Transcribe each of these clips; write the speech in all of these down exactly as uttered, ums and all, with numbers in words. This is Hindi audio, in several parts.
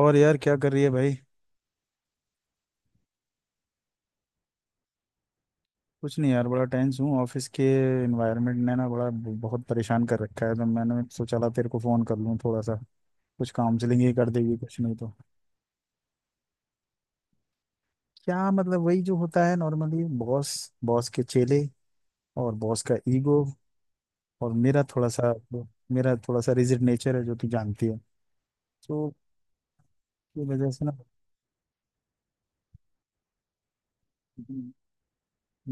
और यार क्या कर रही है भाई। कुछ नहीं यार बड़ा टेंस हूँ ऑफिस के एनवायरनमेंट ने ना बड़ा बहुत परेशान कर रखा है, तो मैंने सोचा ला तेरे को फोन कर लूँ थोड़ा सा, कुछ काउंसलिंग ही कर देगी कुछ नहीं तो। क्या मतलब, वही जो होता है नॉर्मली, बॉस, बॉस के चेले और बॉस का ईगो। और मेरा थोड़ा सा, मेरा थोड़ा सा रिजिड नेचर है जो तू जानती है, तो की वजह से ना।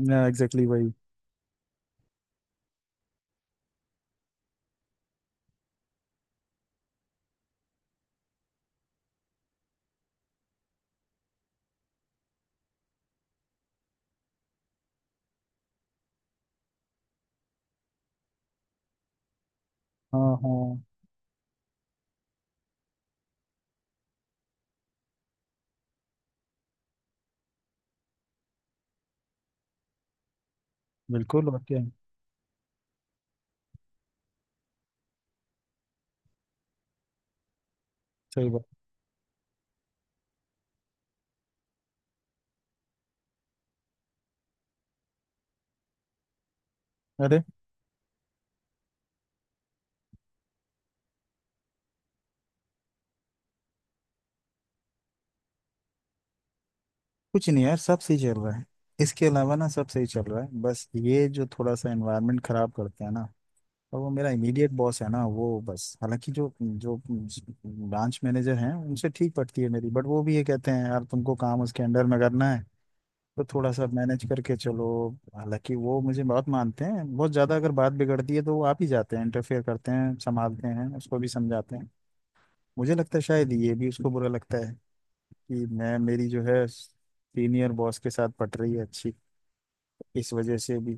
ना एग्जैक्टली वही। हाँ हाँ, बिल्कुल और क्या। सही बात। अरे कुछ नहीं यार, सब सही चल रहा है। इसके अलावा ना सब सही चल रहा है, बस ये जो थोड़ा सा एनवायरनमेंट खराब करते हैं ना। और वो मेरा इमीडिएट बॉस है ना वो, बस हालांकि जो जो ब्रांच मैनेजर हैं उनसे ठीक पटती है मेरी, बट वो भी ये कहते हैं यार तुमको काम उसके अंडर में करना है तो थोड़ा सा मैनेज करके चलो। हालांकि वो मुझे बहुत मानते हैं, बहुत ज़्यादा, अगर बात बिगड़ती है तो वो आप ही जाते हैं, इंटरफेयर करते हैं, संभालते हैं, उसको भी समझाते हैं। मुझे लगता है शायद ये भी उसको बुरा लगता है कि मैं, मेरी जो है सीनियर बॉस के साथ पट रही है अच्छी, इस वजह से भी।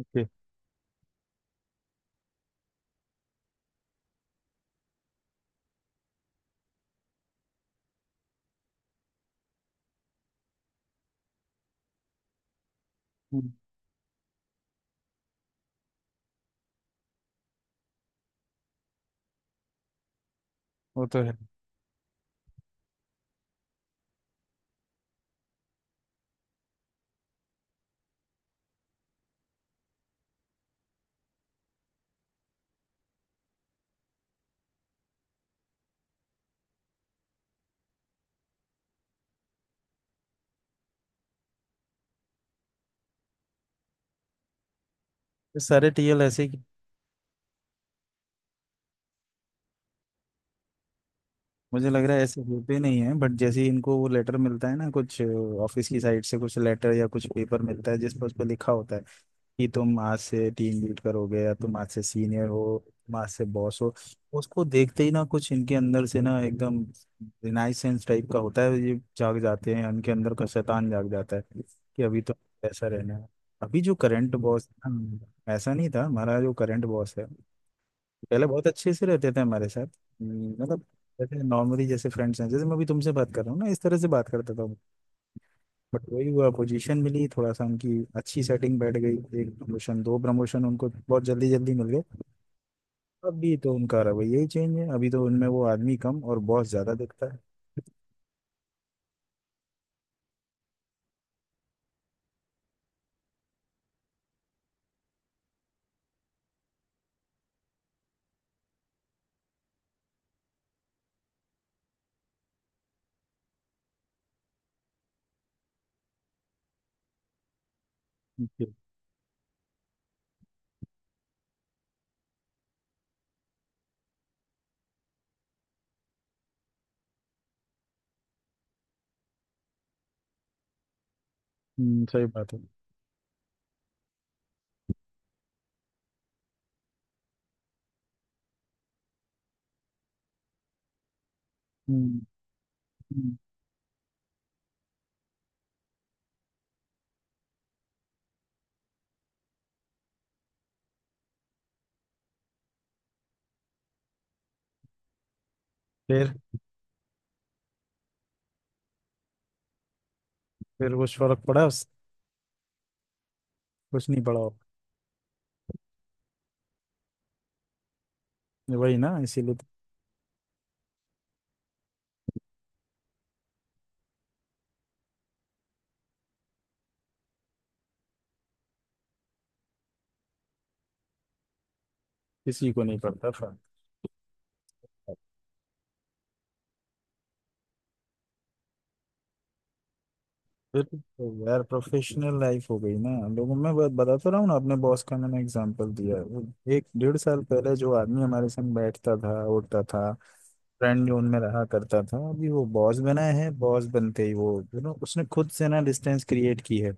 ओके। हम्म, वो तो है। ये सारे टी एल ऐसे ही। मुझे लग रहा है ऐसे होते नहीं है, बट जैसे ही इनको वो लेटर मिलता है ना कुछ, ऑफिस की साइड से कुछ लेटर या कुछ पेपर मिलता है जिस पर, उस पर लिखा होता है कि तुम आज से टीम लीड करोगे या तुम आज से सीनियर हो, तुम आज से बॉस हो, उसको देखते ही ना कुछ इनके अंदर से ना एकदम रिनाइसेंस टाइप का होता है, ये जाग जाते हैं, इनके अंदर का शैतान जाग जाता है कि अभी तो ऐसा रहना है। अभी जो करंट बॉस, ऐसा नहीं था हमारा जो करंट बॉस है, पहले बहुत अच्छे से रहते थे हमारे साथ। हम्म, मतलब जैसे नॉर्मली, जैसे फ्रेंड्स हैं, जैसे मैं अभी तुमसे बात कर रहा हूँ ना इस तरह से बात करता था। बट वही हुआ, पोजीशन मिली थोड़ा सा, उनकी अच्छी सेटिंग बैठ गई, एक प्रमोशन दो प्रमोशन उनको बहुत जल्दी जल्दी मिल गए। अभी तो उनका रवैया यही चेंज है, अभी तो उनमें वो आदमी कम और बॉस ज्यादा दिखता है। Okay। हम्म सही बात है। हम्म हम्म। फिर, फिर कुछ फर्क पड़ा उस- कुछ नहीं पड़ा। वही ना, इसीलिए तो। किसी को नहीं पड़ता फर्क। फिर तो यार प्रोफेशनल लाइफ हो गई ना लोगों में, बत, बता तो रहा हूँ ना, अपने बॉस का मैंने एग्जांपल दिया है। वो एक डेढ़ साल पहले जो आदमी हमारे संग बैठता था, उठता था, फ्रेंड जोन में रहा करता था, अभी वो बॉस बना है। बॉस बनते ही वो यू नो उसने खुद से ना डिस्टेंस क्रिएट की है,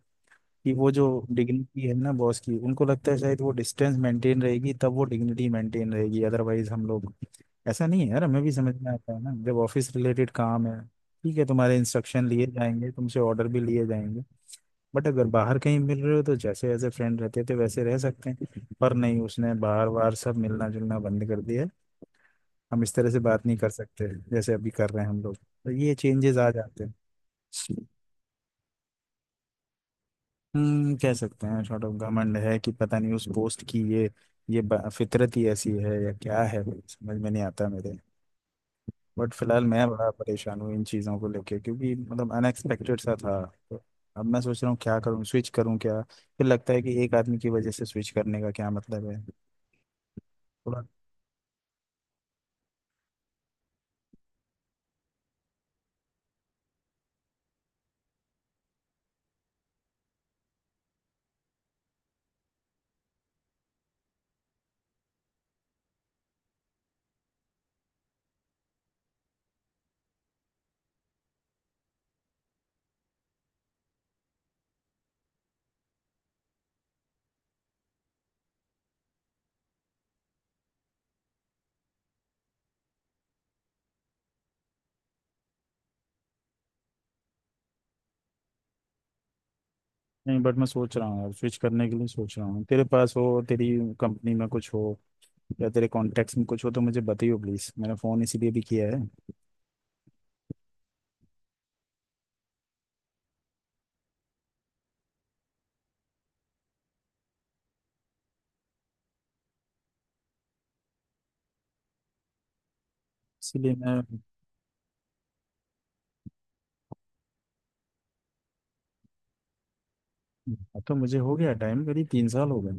कि वो जो डिग्निटी है ना बॉस की, उनको लगता है शायद वो डिस्टेंस मेंटेन रहेगी तब वो डिग्निटी मेंटेन रहेगी, अदरवाइज हम लोग, ऐसा नहीं है यार, हमें भी समझ में आता है ना जब ऑफिस रिलेटेड काम है, ठीक है तुम्हारे इंस्ट्रक्शन लिए जाएंगे, तुमसे ऑर्डर भी लिए जाएंगे। बट अगर बाहर कहीं मिल रहे हो तो जैसे एज ए फ्रेंड रहते थे वैसे रह सकते हैं, पर नहीं, उसने बार बार सब मिलना जुलना बंद कर दिया है। हम इस तरह से बात नहीं कर सकते जैसे अभी कर रहे हैं हम लोग, तो ये चेंजेस आ जाते हैं। हम्म, कह सकते हैं शॉर्ट ऑफ घमंड है, कि पता नहीं उस पोस्ट की ये, ये ब- फितरत ही ऐसी है या क्या है, समझ में नहीं आता मेरे। बट फिलहाल मैं बड़ा परेशान हूँ इन चीज़ों को लेके, क्योंकि मतलब अनएक्सपेक्टेड सा था। तो अब मैं सोच रहा हूँ क्या करूँ, स्विच करूँ क्या, फिर लगता है कि एक आदमी की वजह से स्विच करने का क्या मतलब है, थोड़ा। नहीं बट मैं सोच रहा हूँ यार, स्विच करने के लिए सोच रहा हूँ, तेरे पास हो तेरी कंपनी में कुछ हो या तेरे कॉन्टेक्ट्स में कुछ हो तो मुझे बताइयो प्लीज़, मैंने फ़ोन इसीलिए भी किया है। इसीलिए मैं, हाँ, तो मुझे हो गया टाइम, करीब तीन साल हो गए।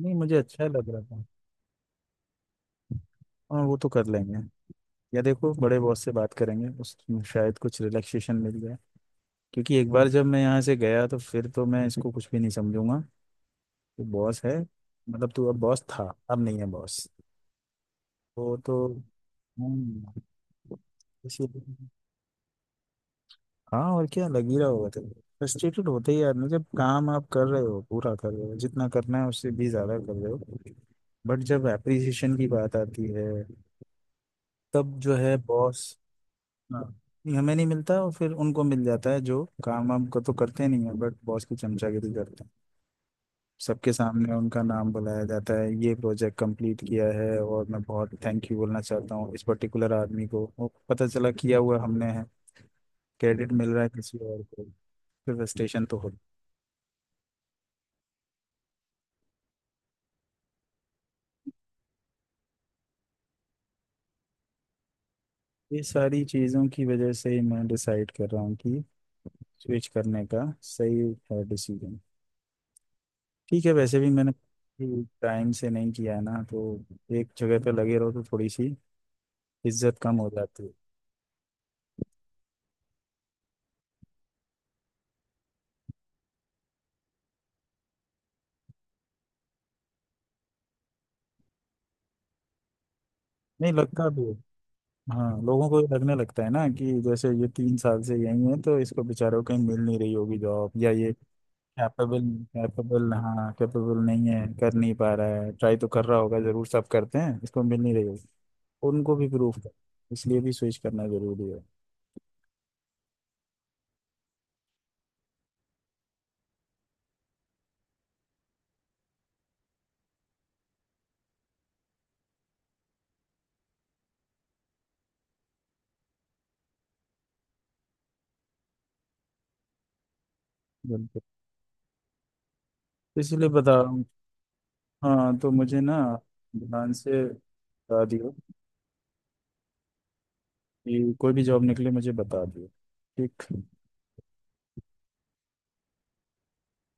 नहीं मुझे अच्छा लग रहा था। हाँ वो तो कर लेंगे, या देखो बड़े बॉस से बात करेंगे उस, शायद कुछ रिलैक्सेशन मिल जाए। क्योंकि एक बार जब मैं यहाँ से गया तो फिर तो मैं इसको कुछ भी नहीं समझूंगा, तो बॉस है, मतलब तू अब बॉस था, अब नहीं है बॉस। वो तो, हम्म, इसीलिए। हाँ और क्या लग ही रहा होगा तेरे को। फ्रस्ट्रेटेड होते ही आदमी, जब काम आप कर रहे हो, पूरा कर रहे हो, जितना करना है उससे भी ज्यादा कर रहे हो, बट जब एप्रिसिएशन की बात आती है, तब जो है बॉस, हाँ, ये हमें नहीं मिलता, और फिर उनको मिल जाता है जो काम वाम को तो करते नहीं है बट बॉस की चमचागिरी करते हैं। सबके सामने उनका नाम बुलाया जाता है, ये प्रोजेक्ट कंप्लीट किया है और मैं बहुत थैंक यू बोलना चाहता हूँ इस पर्टिकुलर आदमी को, वो, पता चला किया हुआ हमने है, क्रेडिट मिल रहा है किसी और को। फिर फ्रस्ट्रेशन तो होता है। ये सारी चीज़ों की वजह से ही मैं डिसाइड कर रहा हूँ कि स्विच करने का सही है डिसीजन। ठीक है, वैसे भी मैंने टाइम से नहीं किया है ना, तो एक जगह पे लगे रहो तो थोड़ी सी इज्जत कम हो जाती है। नहीं लगता भी है। हाँ लोगों को ये लगने लगता है ना कि जैसे ये तीन साल से यही है, तो इसको बेचारों को कहीं मिल नहीं रही होगी जॉब, या ये कैपेबल, कैपेबल, हाँ कैपेबल नहीं है, कर नहीं पा रहा है, ट्राई तो कर रहा होगा जरूर, सब करते हैं, इसको मिल नहीं रही होगी। उनको भी प्रूफ कर, इसलिए भी स्विच करना जरूरी है। बिल्कुल, इसलिए बता रहा हूँ। हाँ तो मुझे ना ध्यान से बता दियो कि कोई भी जॉब निकले मुझे बता दियो। ठीक।